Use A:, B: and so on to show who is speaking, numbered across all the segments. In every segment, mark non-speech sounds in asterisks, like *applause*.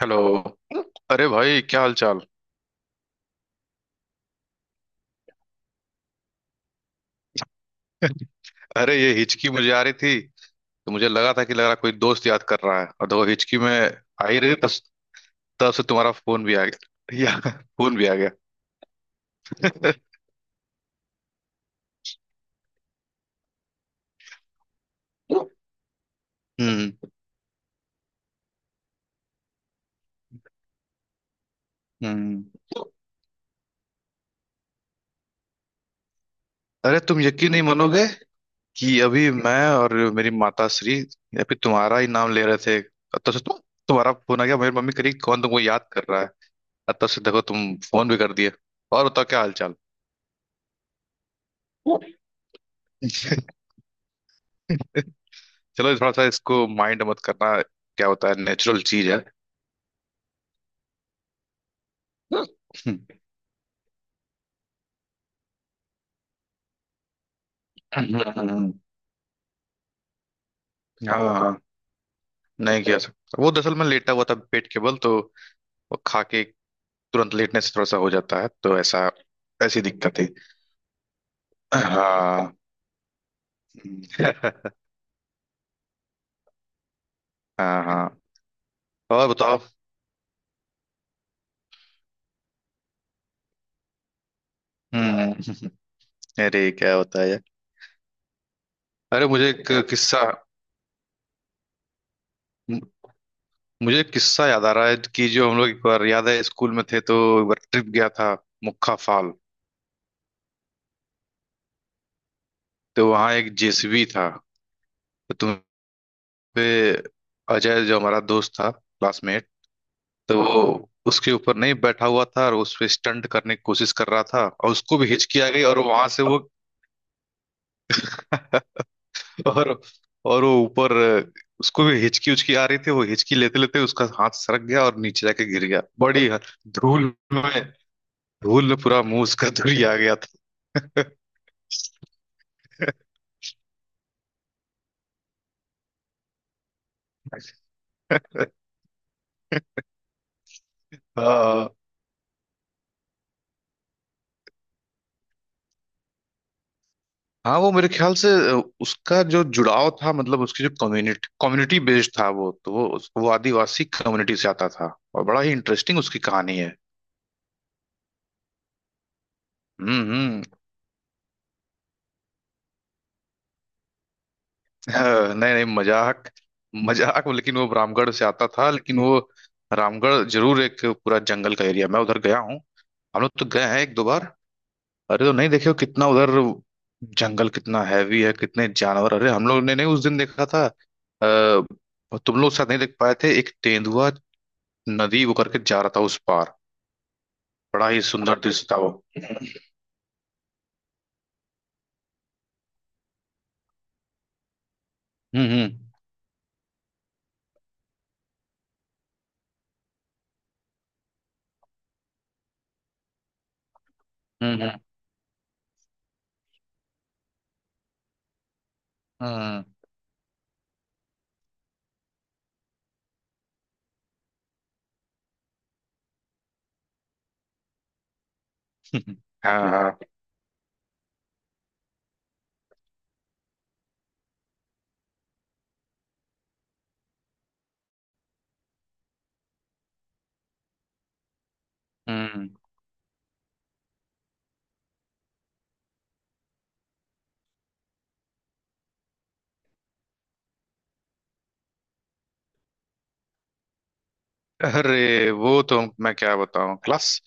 A: Hello. अरे भाई, क्या हाल चाल? *laughs* अरे ये हिचकी मुझे आ रही थी, तो मुझे लगा था कि लग रहा कोई दोस्त याद कर रहा है और देखो हिचकी में आ ही रही। तब तब से तुम्हारा फोन भी आ गया *laughs* या फोन भी आ गया। *laughs* हम्म। हम्म। अरे तुम यकीन नहीं मानोगे कि अभी मैं और मेरी माता श्री या फिर तुम्हारा ही नाम ले रहे थे और तब से तुम, तुम्हारा फोन आ गया। मेरी मम्मी कह रही कौन तुमको याद कर रहा है। और तब से देखो तुम फोन भी कर दिए। और बताओ क्या हाल चाल? *laughs* चलो, थोड़ा सा इसको माइंड मत करना, क्या होता है, नेचुरल चीज है। *laughs* हाँ हाँ, नहीं किया सकता। वो दरअसल मैं लेटा हुआ था पेट के बल, तो वो खा के तुरंत लेटने से थोड़ा सा हो जाता है, तो ऐसा ऐसी दिक्कत है। हाँ। *laughs* हाँ हाँ। और बताओ। हम्म। अरे क्या होता है यार। अरे मुझे एक किस्सा, मुझे एक किस्सा याद आ रहा है कि जो हम लोग एक बार, याद है, स्कूल में थे तो एक बार ट्रिप गया था मुक्खा फाल। तो वहाँ एक जेसीबी था। तो पे अजय, जो हमारा दोस्त था, क्लासमेट, तो वो उसके ऊपर नहीं बैठा हुआ था और उस पे स्टंट करने की कोशिश कर रहा था और उसको भी हिचकी आ गई और वहां से वो *laughs* और और वो ऊपर, उसको भी हिचकी उचकी आ रही थी, वो हिचकी लेते लेते उसका हाथ सरक गया और नीचे जाके गिर गया बड़ी धूल में। धूल में पूरा मुंह उसका धुरी आ गया। था। हाँ, वो मेरे ख्याल से उसका जो जुड़ाव था मतलब उसकी जो कम्युनिटी, बेस्ड था वो, तो वो वो आदिवासी कम्युनिटी से आता था। और बड़ा ही इंटरेस्टिंग उसकी कहानी है। हम्म। हम्म। *laughs* नहीं नहीं, मजाक, मजाक। लेकिन वो रामगढ़ से आता था। लेकिन वो रामगढ़ जरूर एक पूरा जंगल का एरिया, मैं उधर गया हूँ। हम लोग तो गए हैं एक दो बार। अरे तो नहीं देखे हो कितना उधर जंगल कितना हैवी है, कितने जानवर। अरे हम लोग ने नहीं उस दिन देखा था अ, तुम लोग साथ नहीं देख पाए थे एक तेंदुआ, नदी वो करके जा रहा था उस पार। बड़ा ही सुंदर अच्छा दृश्य था वो। अच्छा। हम्म। हम्म। हम्म। हम्म। हम्म, हाँ हाँ। हम्म। अरे वो तो मैं क्या बताऊं। क्लास,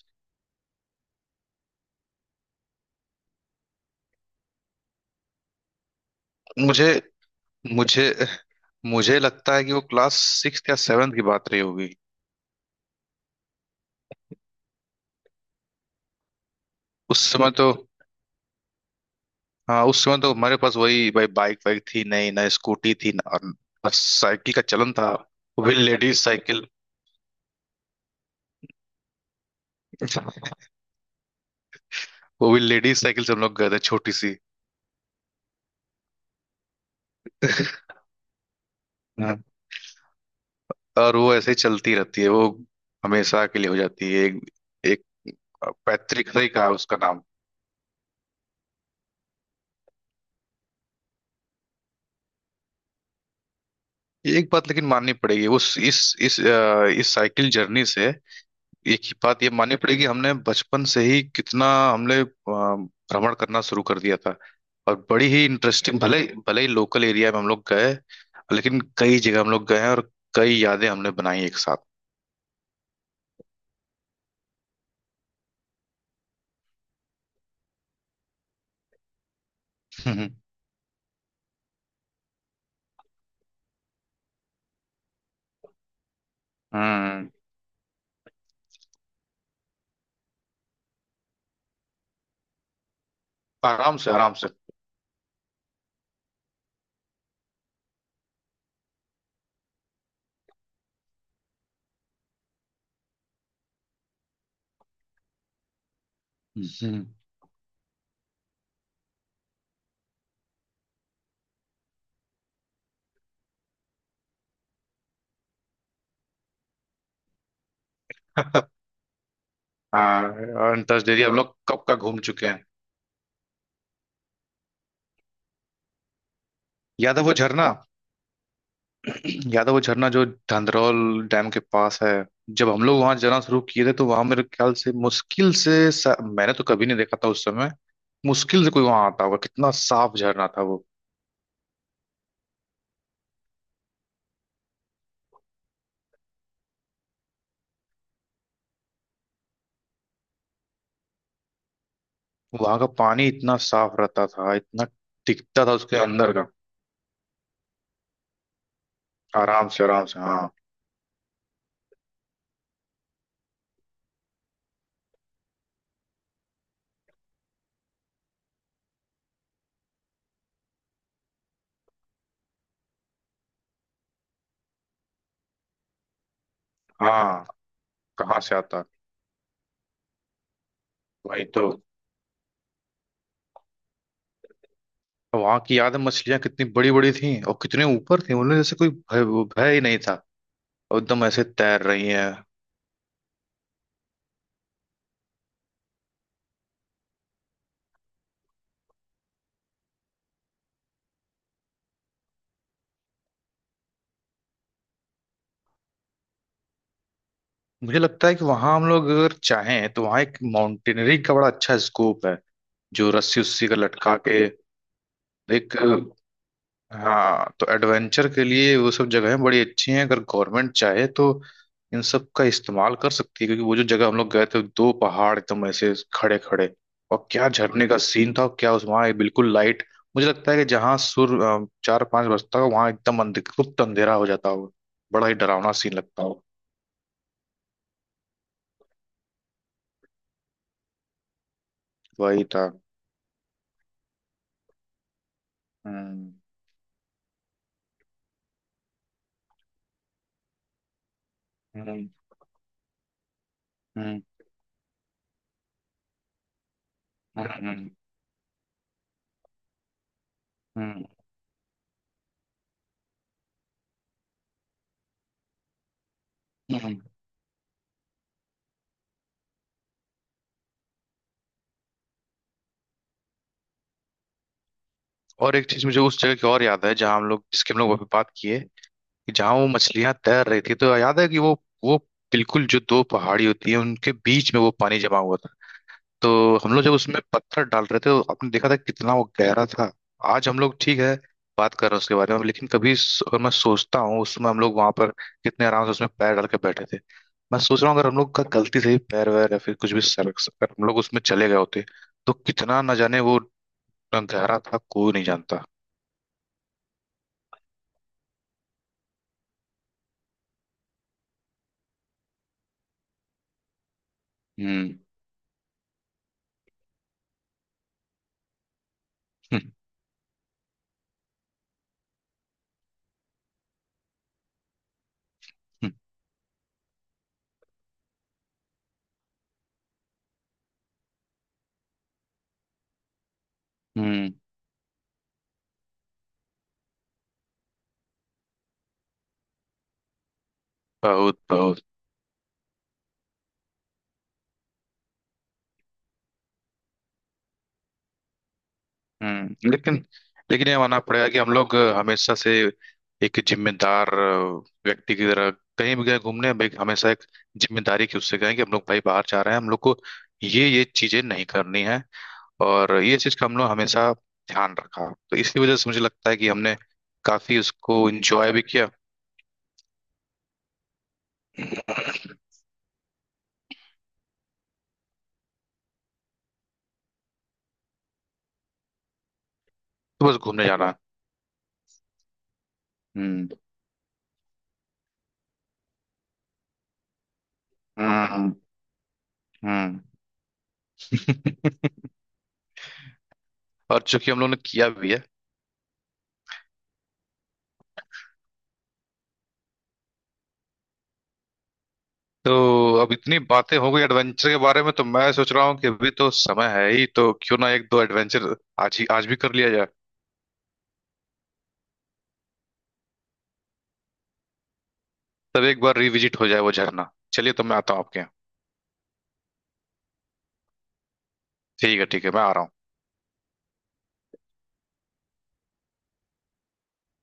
A: मुझे मुझे मुझे लगता है कि वो क्लास सिक्स या सेवन्थ की बात रही होगी। उस समय तो, हाँ, उस समय तो हमारे पास वही भाई बाइक वाइक थी नहीं, ना स्कूटी थी, ना और ना साइकिल का चलन था। वो भी लेडीज साइकिल। *laughs* वो भी लेडीज साइकिल से हम लोग गए थे, छोटी सी। और वो ऐसे ही चलती रहती है, वो हमेशा के लिए हो जाती है एक, एक पैतृक ही का उसका नाम। एक बात लेकिन माननी पड़ेगी उस इस इस साइकिल जर्नी से, एक ही बात ये माननी पड़ेगी, हमने बचपन से ही कितना, हमने भ्रमण करना शुरू कर दिया था। और बड़ी ही इंटरेस्टिंग, भले भले ही लोकल एरिया में हम लोग गए, लेकिन कई जगह हम लोग गए हैं, और कई यादें हमने बनाई एक साथ। हम्म। हम्म, आराम से आराम से। हम्म। हम्म। हाँ। और एरिया हम लोग कब का घूम चुके हैं। याद है वो झरना, याद है वो झरना जो धंधरौल डैम के पास है? जब हम लोग वहां जाना शुरू किए थे तो वहां मेरे ख्याल से मुश्किल से मैंने तो कभी नहीं देखा था उस समय, मुश्किल से कोई वहां आता होगा। कितना साफ झरना था वो। वहां का पानी इतना साफ रहता था, इतना टिकता था, उसके अंदर का। आराम से आराम से। हाँ। हाँ। कहाँ से आता। वही तो। वहां की याद है मछलियां कितनी बड़ी बड़ी थी और कितने ऊपर थी, उन्हें जैसे कोई भय, वो भय ही नहीं था और एकदम ऐसे तैर रही हैं। मुझे लगता है कि वहां हम लोग अगर चाहें तो वहां एक माउंटेनियरिंग का बड़ा अच्छा स्कोप है। जो रस्सी उस्सी का लटका के एक, हाँ, तो एडवेंचर के लिए वो सब जगहें बड़ी अच्छी हैं। अगर गवर्नमेंट चाहे तो इन सब का इस्तेमाल कर सकती है, क्योंकि वो जो जगह हम लोग गए थे, दो पहाड़ एकदम ऐसे खड़े खड़े, और क्या झरने का सीन था, और क्या उस वहाँ बिल्कुल लाइट। मुझे लगता है कि जहाँ सूर्य चार पांच बजता हो वहाँ एकदम अंधे गुप्त अंधेरा हो जाता हो, बड़ा ही डरावना सीन लगता हो। वही था। हम्म। हम्म। हम्म। हम्म, हम्म, हम्म। और एक चीज मुझे उस जगह की और याद है, जहां हम लोग, जिसके हम लोग अभी बात किए, कि जहां वो मछलियां तैर रही थी, तो याद है कि वो बिल्कुल जो दो पहाड़ी होती है उनके बीच में वो पानी जमा हुआ था, तो हम लोग जब उसमें पत्थर डाल रहे थे तो आपने देखा था कितना वो गहरा था। आज हम लोग, ठीक है, बात कर रहे हैं उसके बारे में, लेकिन कभी अगर मैं सोचता हूँ उसमें हम लोग वहां पर कितने आराम से उसमें पैर डाल के बैठे थे। मैं सोच रहा हूँ अगर हम लोग का गलती से ही पैर वैर या फिर कुछ भी सरक, अगर हम लोग उसमें चले गए होते तो कितना न जाने वो गहरा था, कोई नहीं जानता। हम्म। हम्म। हम्म, बहुत बहुत। लेकिन, लेकिन ये मानना पड़ेगा कि हम लोग हमेशा से एक जिम्मेदार व्यक्ति की तरह कहीं भी गए घूमने, भाई हमेशा एक जिम्मेदारी के उससे गए कि हम लोग भाई बाहर जा रहे हैं, हम लोग को ये चीजें नहीं करनी है। और ये चीज का हम लोग हमेशा ध्यान रखा, तो इसकी वजह से मुझे लगता है कि हमने काफी उसको इंजॉय भी किया। तो बस घूमने जाना। हम्म। हम्म। हम्म। *laughs* और चूंकि हम लोग ने किया भी है, तो अब इतनी बातें हो गई एडवेंचर के बारे में, तो मैं सोच रहा हूँ कि अभी तो समय है ही, तो क्यों ना एक दो एडवेंचर आज ही, आज भी कर लिया जाए। तब एक बार रिविजिट हो जाए वो झरना, चलिए तो मैं आता हूँ आपके यहाँ। ठीक है ठीक है, मैं आ रहा हूँ।